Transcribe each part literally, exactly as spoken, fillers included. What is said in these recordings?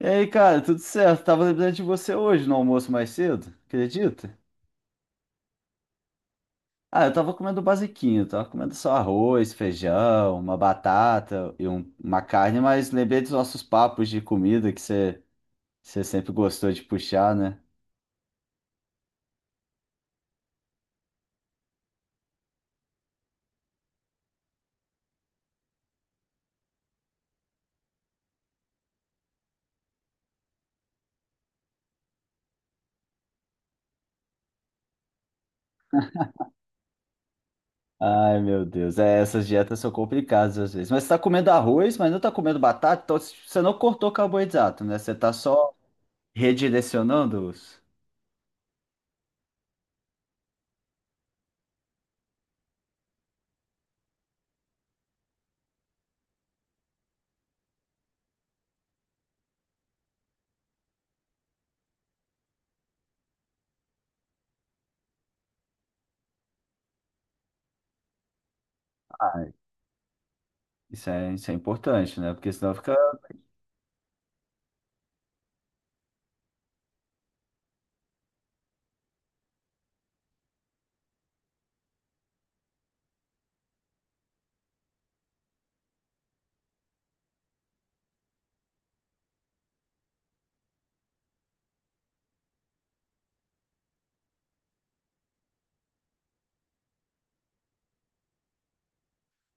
E aí, cara, tudo certo? Tava lembrando de você hoje no almoço mais cedo, acredita? Ah, eu tava comendo basiquinho, tava comendo só arroz, feijão, uma batata e um- uma carne, mas lembrei dos nossos papos de comida que você você sempre gostou de puxar, né? Ai, meu Deus, é, essas dietas são complicadas às vezes. Mas você tá comendo arroz, mas não tá comendo batata, então você não cortou carboidrato, né? Você tá só redirecionando os. Ah, Isso é, isso é importante, né? Porque senão fica.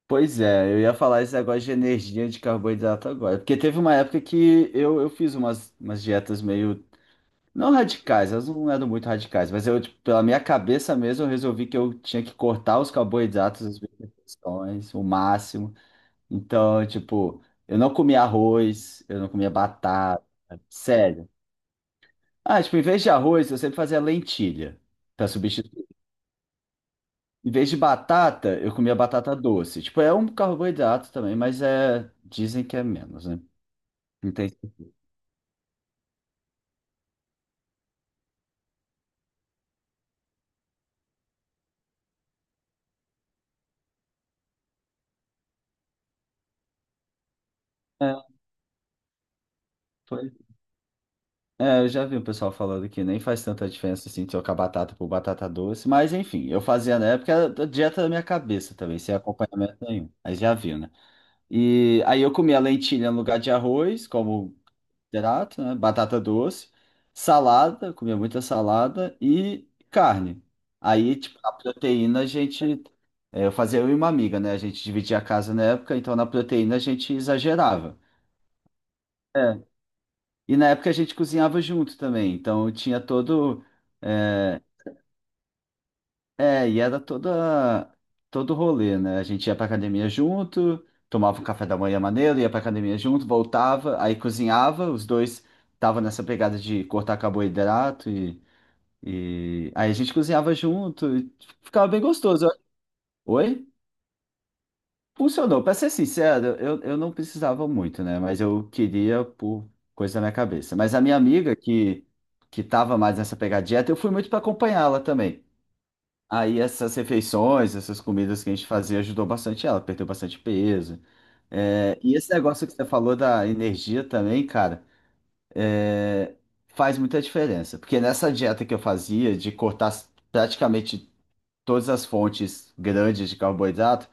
Pois é, eu ia falar esse negócio de energia de carboidrato agora. Porque teve uma época que eu, eu fiz umas, umas dietas meio. Não radicais, elas não eram muito radicais, mas eu, tipo, pela minha cabeça mesmo, eu resolvi que eu tinha que cortar os carboidratos, as refeições, o máximo. Então, tipo, eu não comia arroz, eu não comia batata, sério. Ah, tipo, em vez de arroz, eu sempre fazia lentilha para substituir. Em vez de batata, eu comia batata doce. Tipo, é um carboidrato também, mas é. Dizem que é menos, né? Não tem. É, pois- é, eu já vi o pessoal falando que nem faz tanta diferença assim trocar batata por batata doce, mas enfim, eu fazia na época era da dieta da minha cabeça também, sem acompanhamento nenhum. Aí já viu, né? E aí eu comia lentilha no lugar de arroz, como hidrato, né? Batata doce, salada, comia muita salada e carne. Aí, tipo, a proteína a gente. É, eu fazia eu e uma amiga, né? A gente dividia a casa na época, então na proteína a gente exagerava. É. E na época a gente cozinhava junto também, então tinha todo. É, é, e era toda, todo rolê, né? A gente ia pra academia junto, tomava um café da manhã maneiro, ia pra academia junto, voltava, aí cozinhava, os dois tava nessa pegada de cortar carboidrato. e E aí a gente cozinhava junto, e ficava bem gostoso. Eu- Oi? Funcionou. Pra ser sincero, eu, eu não precisava muito, né? Mas eu queria por coisa da minha cabeça. Mas a minha amiga que, que tava mais nessa pegada dieta, eu fui muito para acompanhá-la também. Aí essas refeições, essas comidas que a gente fazia ajudou bastante ela, perdeu bastante peso. É, e esse negócio que você falou da energia também, cara, é, faz muita diferença. Porque nessa dieta que eu fazia, de cortar praticamente todas as fontes grandes de carboidrato,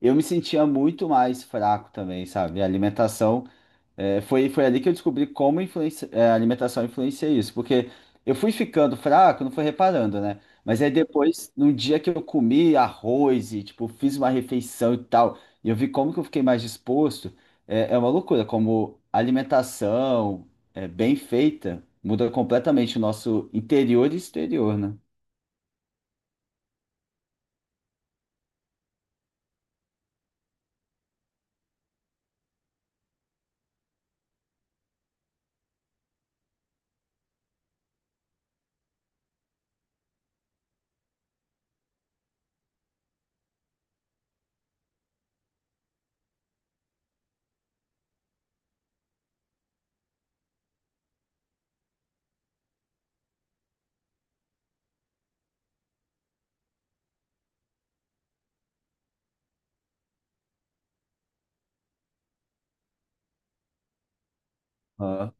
eu me sentia muito mais fraco também, sabe? A alimentação, eh, foi, foi ali que eu descobri como influencia, eh, a alimentação influencia isso, porque eu fui ficando fraco, não fui reparando, né? Mas aí depois, num dia que eu comi arroz e, tipo, fiz uma refeição e tal, e eu vi como que eu fiquei mais disposto, é, é uma loucura, como a alimentação é, bem feita muda completamente o nosso interior e exterior, né? Ah,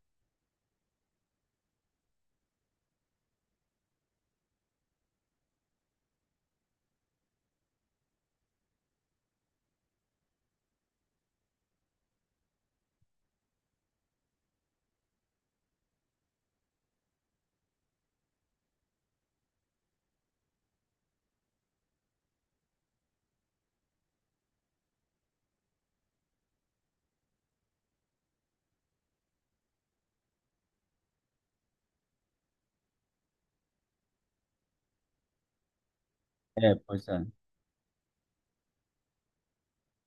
é, pois é.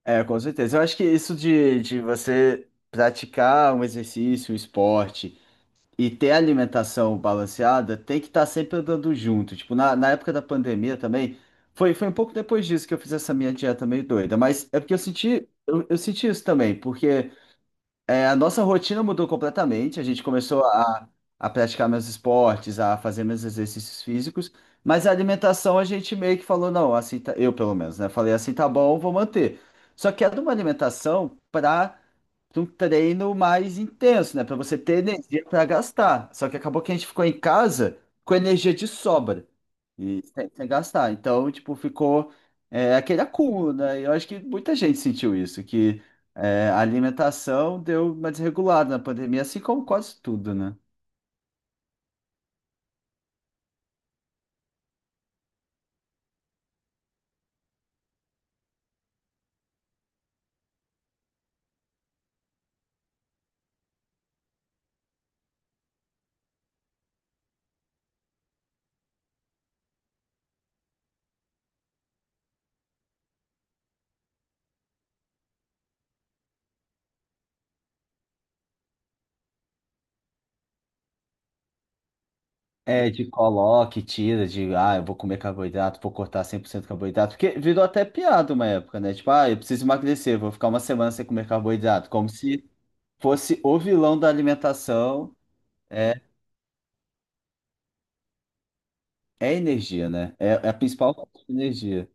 É, com certeza. Eu acho que isso de, de você praticar um exercício, um esporte e ter alimentação balanceada tem que estar sempre andando junto. Tipo, na, na época da pandemia também, foi, foi um pouco depois disso que eu fiz essa minha dieta meio doida, mas é porque eu senti, eu, eu senti isso também, porque. É, a nossa rotina mudou completamente. A gente começou a, a praticar meus esportes, a fazer meus exercícios físicos, mas a alimentação a gente meio que falou, não, assim tá, eu pelo menos, né? Falei assim, tá bom, vou manter. Só que era uma alimentação para de um treino mais intenso, né? Para você ter energia para gastar. Só que acabou que a gente ficou em casa com energia de sobra e sem, sem gastar. Então, tipo, ficou é, aquele acúmulo, né? E eu acho que muita gente sentiu isso, que é, a alimentação deu uma desregulada na pandemia, assim como quase tudo, né? É, de coloque, tira, de ah, eu vou comer carboidrato, vou cortar cem por cento carboidrato, porque virou até piada uma época, né? Tipo, ah, eu preciso emagrecer, vou ficar uma semana sem comer carboidrato, como se fosse o vilão da alimentação, é, é energia, né? É, é a principal fonte de energia.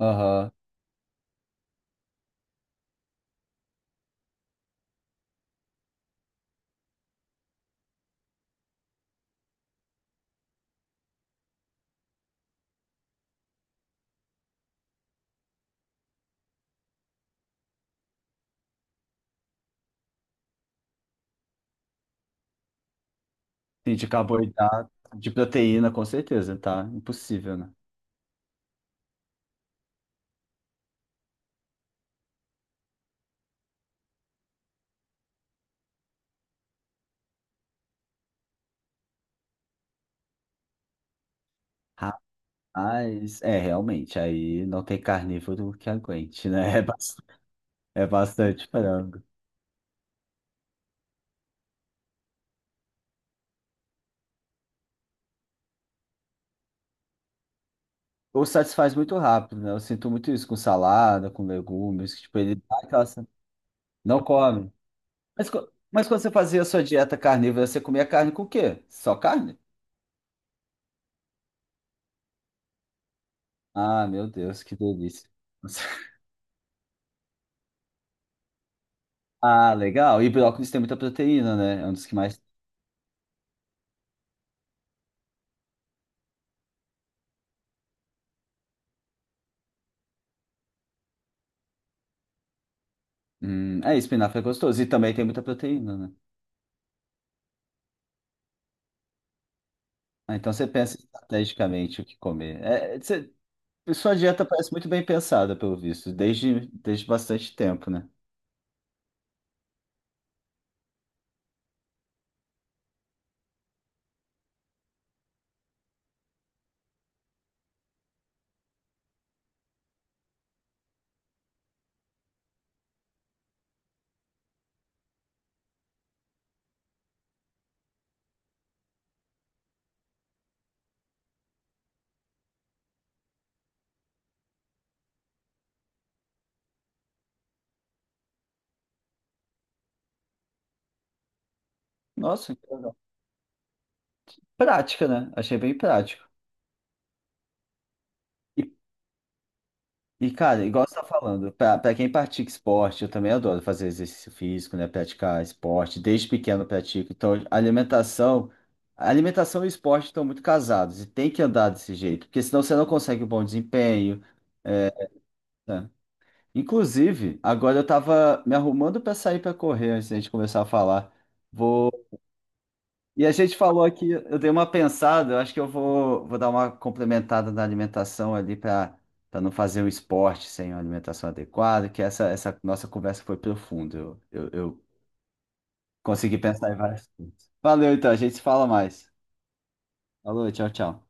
Aham. Sim, de carboidrato, de proteína, com certeza, tá? Impossível, né? Rapaz, é, realmente, aí não tem carnívoro que aguente, né? É bas- é bastante frango. Ou satisfaz muito rápido, né? Eu sinto muito isso com salada, com legumes, que, tipo, ele dá aquela sa- Não come. Mas, co- mas quando você fazia a sua dieta carnívora, você comia carne com o quê? Só carne? Ah, meu Deus, que delícia. Ah, legal. E brócolis tem muita proteína, né? É um dos que mais. Hum, é, espinafre é gostoso. E também tem muita proteína, né? Ah, então você pensa estrategicamente o que comer. É, é, você- sua dieta parece muito bem pensada, pelo visto, desde, desde bastante tempo, né? Nossa, que legal. Prática, né? Achei bem prático. E, cara, igual você tá falando, pra pra quem pratica esporte, eu também adoro fazer exercício físico, né? Praticar esporte, desde pequeno eu pratico. Então, a alimentação, a alimentação e o esporte estão muito casados e tem que andar desse jeito, porque senão você não consegue um bom desempenho. É, né? Inclusive, agora eu tava me arrumando pra sair pra correr antes da gente começar a falar. Vou, e a gente falou aqui, eu dei uma pensada, eu acho que eu vou, vou dar uma complementada na alimentação ali para para não fazer um esporte sem uma alimentação adequada, que essa, essa nossa conversa foi profunda. Eu, eu, eu consegui pensar em várias coisas. Valeu, então, a gente se fala mais. Falou, tchau, tchau.